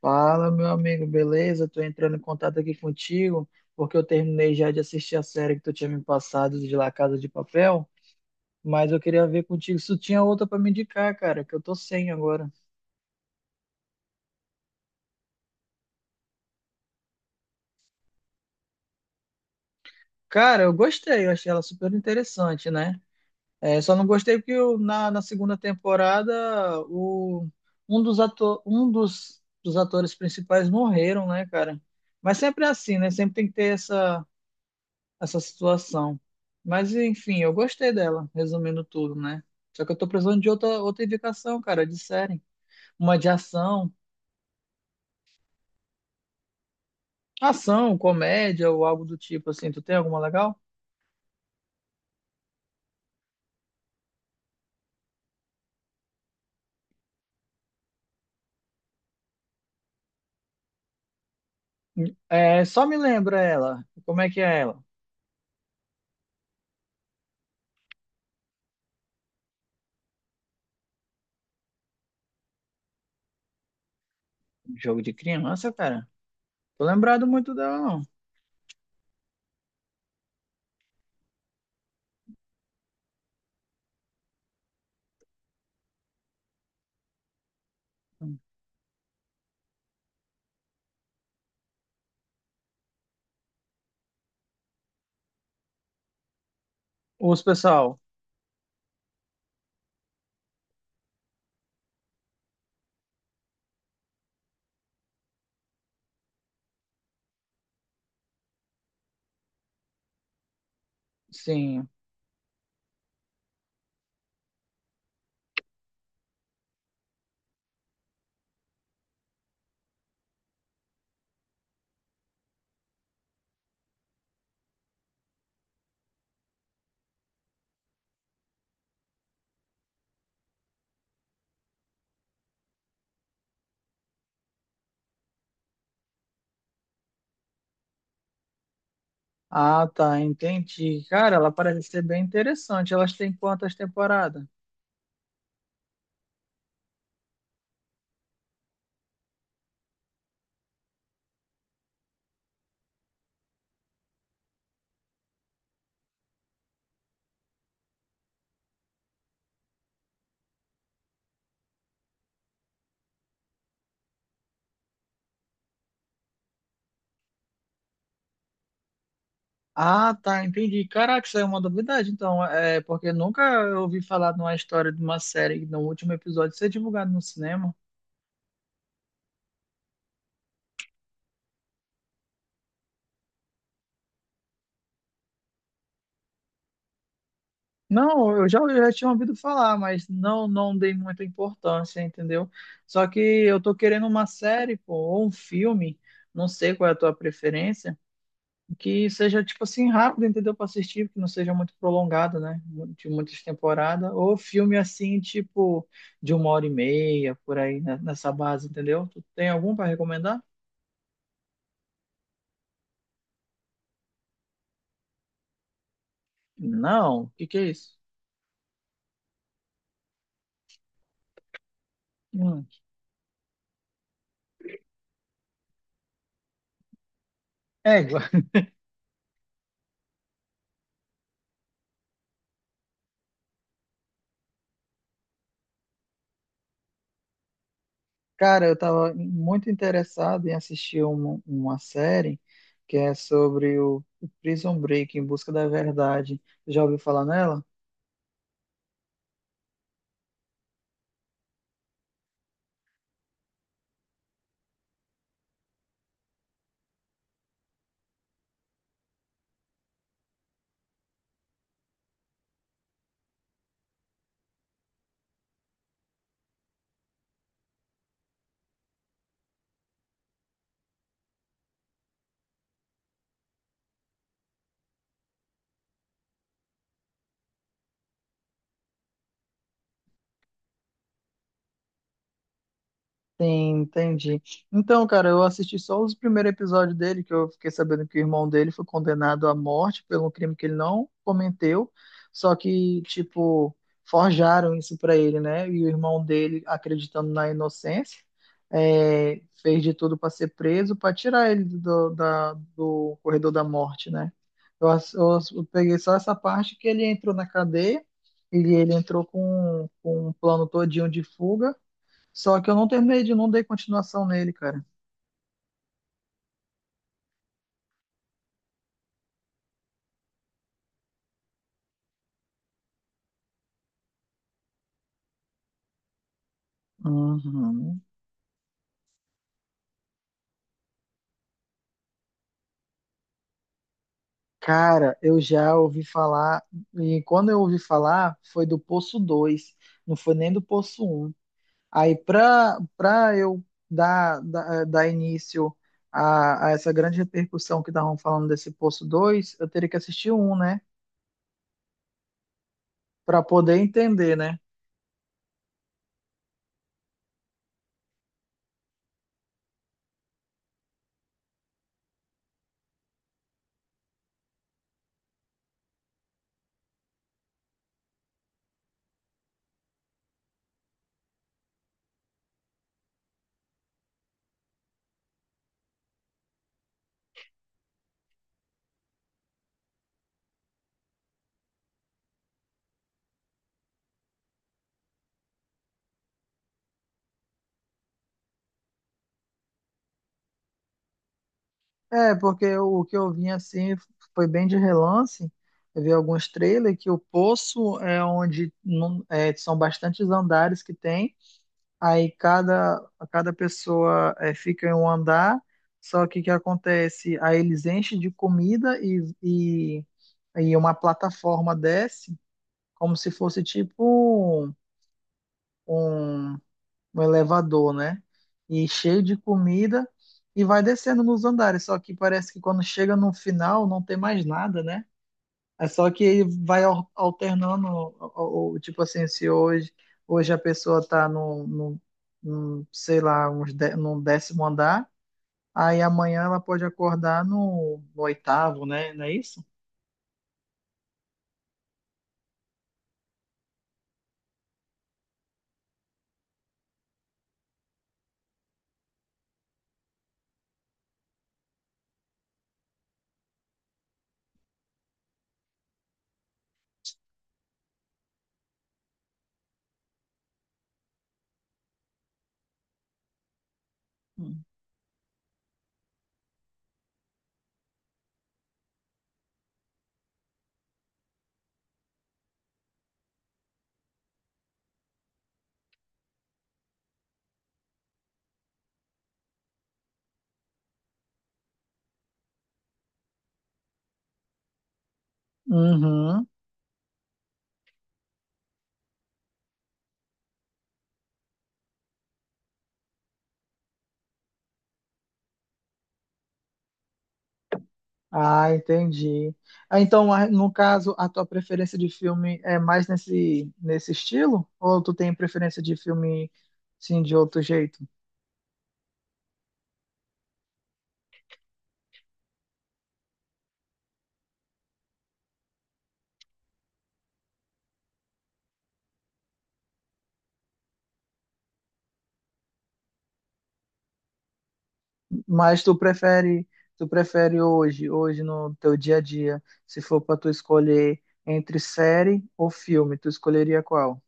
Fala, meu amigo, beleza? Tô entrando em contato aqui contigo, porque eu terminei já de assistir a série que tu tinha me passado de La Casa de Papel, mas eu queria ver contigo se tu tinha outra pra me indicar, cara, que eu tô sem agora. Cara, eu gostei, eu achei ela super interessante, né? É, só não gostei porque na segunda temporada o, um dos atores principais morreram, né, cara? Mas sempre é assim, né? Sempre tem que ter essa. Situação. Mas enfim, eu gostei dela, resumindo tudo, né? Só que eu tô precisando de outra indicação, cara, de série. Uma de ação, ação, comédia ou algo do tipo assim. Tu tem alguma legal? É, só me lembra ela. Como é que é ela? Jogo de criança, cara. Tô lembrado muito dela, não. Os pessoal, sim. Ah, tá, entendi. Cara, ela parece ser bem interessante. Elas têm quantas temporadas? Ah, tá, entendi. Caraca, isso é uma novidade, então. É porque nunca eu ouvi falar de uma história de uma série que no último episódio ser divulgado no cinema. Não, eu já tinha ouvido falar, mas não dei muita importância, entendeu? Só que eu tô querendo uma série, pô, ou um filme, não sei qual é a tua preferência, que seja tipo assim rápido, entendeu? Para assistir, que não seja muito prolongado, né? De muitas temporadas, ou filme assim, tipo de uma hora e meia, por aí, né? Nessa base, entendeu? Tu tem algum para recomendar? Não, o que que é isso? Hum. Égua. Cara, eu tava muito interessado em assistir uma série que é sobre o Prison Break, Em Busca da Verdade. Já ouviu falar nela? Sim, entendi. Então, cara, eu assisti só os primeiros episódios dele, que eu fiquei sabendo que o irmão dele foi condenado à morte pelo crime que ele não cometeu, só que, tipo, forjaram isso pra ele, né? E o irmão dele, acreditando na inocência, fez de tudo pra ser preso, pra tirar ele do corredor da morte, né? Eu peguei só essa parte que ele entrou na cadeia, e ele entrou com um plano todinho de fuga. Só que eu não terminei de não dei continuação nele, cara. Uhum. Cara, eu já ouvi falar, e quando eu ouvi falar, foi do Poço dois, não foi nem do Poço um. Aí, pra eu dar início a essa grande repercussão que estavam falando desse Poço dois, eu teria que assistir um, né? Pra poder entender, né? É, porque o que eu vi assim foi bem de relance. Eu vi alguns trailers que o poço é onde são bastantes andares que tem. Aí cada pessoa fica em um andar. Só que o que acontece? Aí eles enchem de comida e uma plataforma desce, como se fosse tipo um um elevador, né? E cheio de comida e vai descendo nos andares. Só que parece que quando chega no final não tem mais nada, né? É só que ele vai alternando, tipo assim, se hoje a pessoa tá no, sei lá, no 10º andar, aí amanhã ela pode acordar no oitavo, né? Não é isso? Uhum. Ah, entendi. Ah, então, no caso, a tua preferência de filme é mais nesse estilo? Ou tu tem preferência de filme, sim, de outro jeito? Mas tu prefere hoje no teu dia a dia, se for para tu escolher entre série ou filme, tu escolheria qual?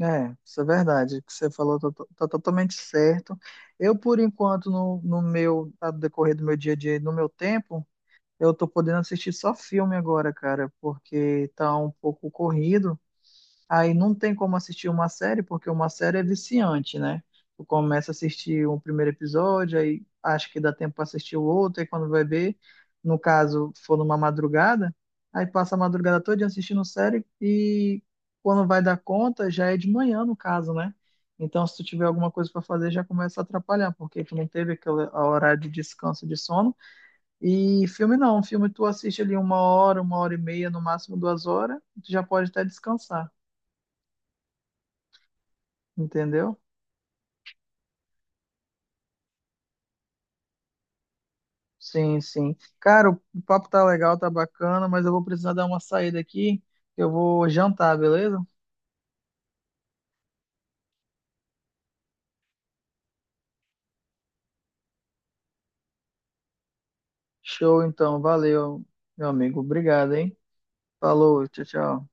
É, isso é verdade. O que você falou tá totalmente certo. Eu, por enquanto, no decorrer do meu dia a dia, e no meu tempo. Eu tô podendo assistir só filme agora, cara, porque tá um pouco corrido. Aí não tem como assistir uma série, porque uma série é viciante, né? Tu começa a assistir o primeiro episódio, aí acha que dá tempo pra assistir o outro, aí quando vai ver, no caso, for numa madrugada, aí passa a madrugada toda assistindo série e quando vai dar conta, já é de manhã, no caso, né? Então, se tu tiver alguma coisa pra fazer, já começa a atrapalhar, porque tu não teve aquele horário de descanso de sono e filme não, filme tu assiste ali uma hora e meia, no máximo 2 horas, tu já pode até descansar, entendeu? Sim, sim. Cara, o papo tá legal, tá bacana, mas eu vou precisar dar uma saída aqui. Eu vou jantar, beleza? Show então, valeu, meu amigo. Obrigado, hein? Falou, tchau, tchau.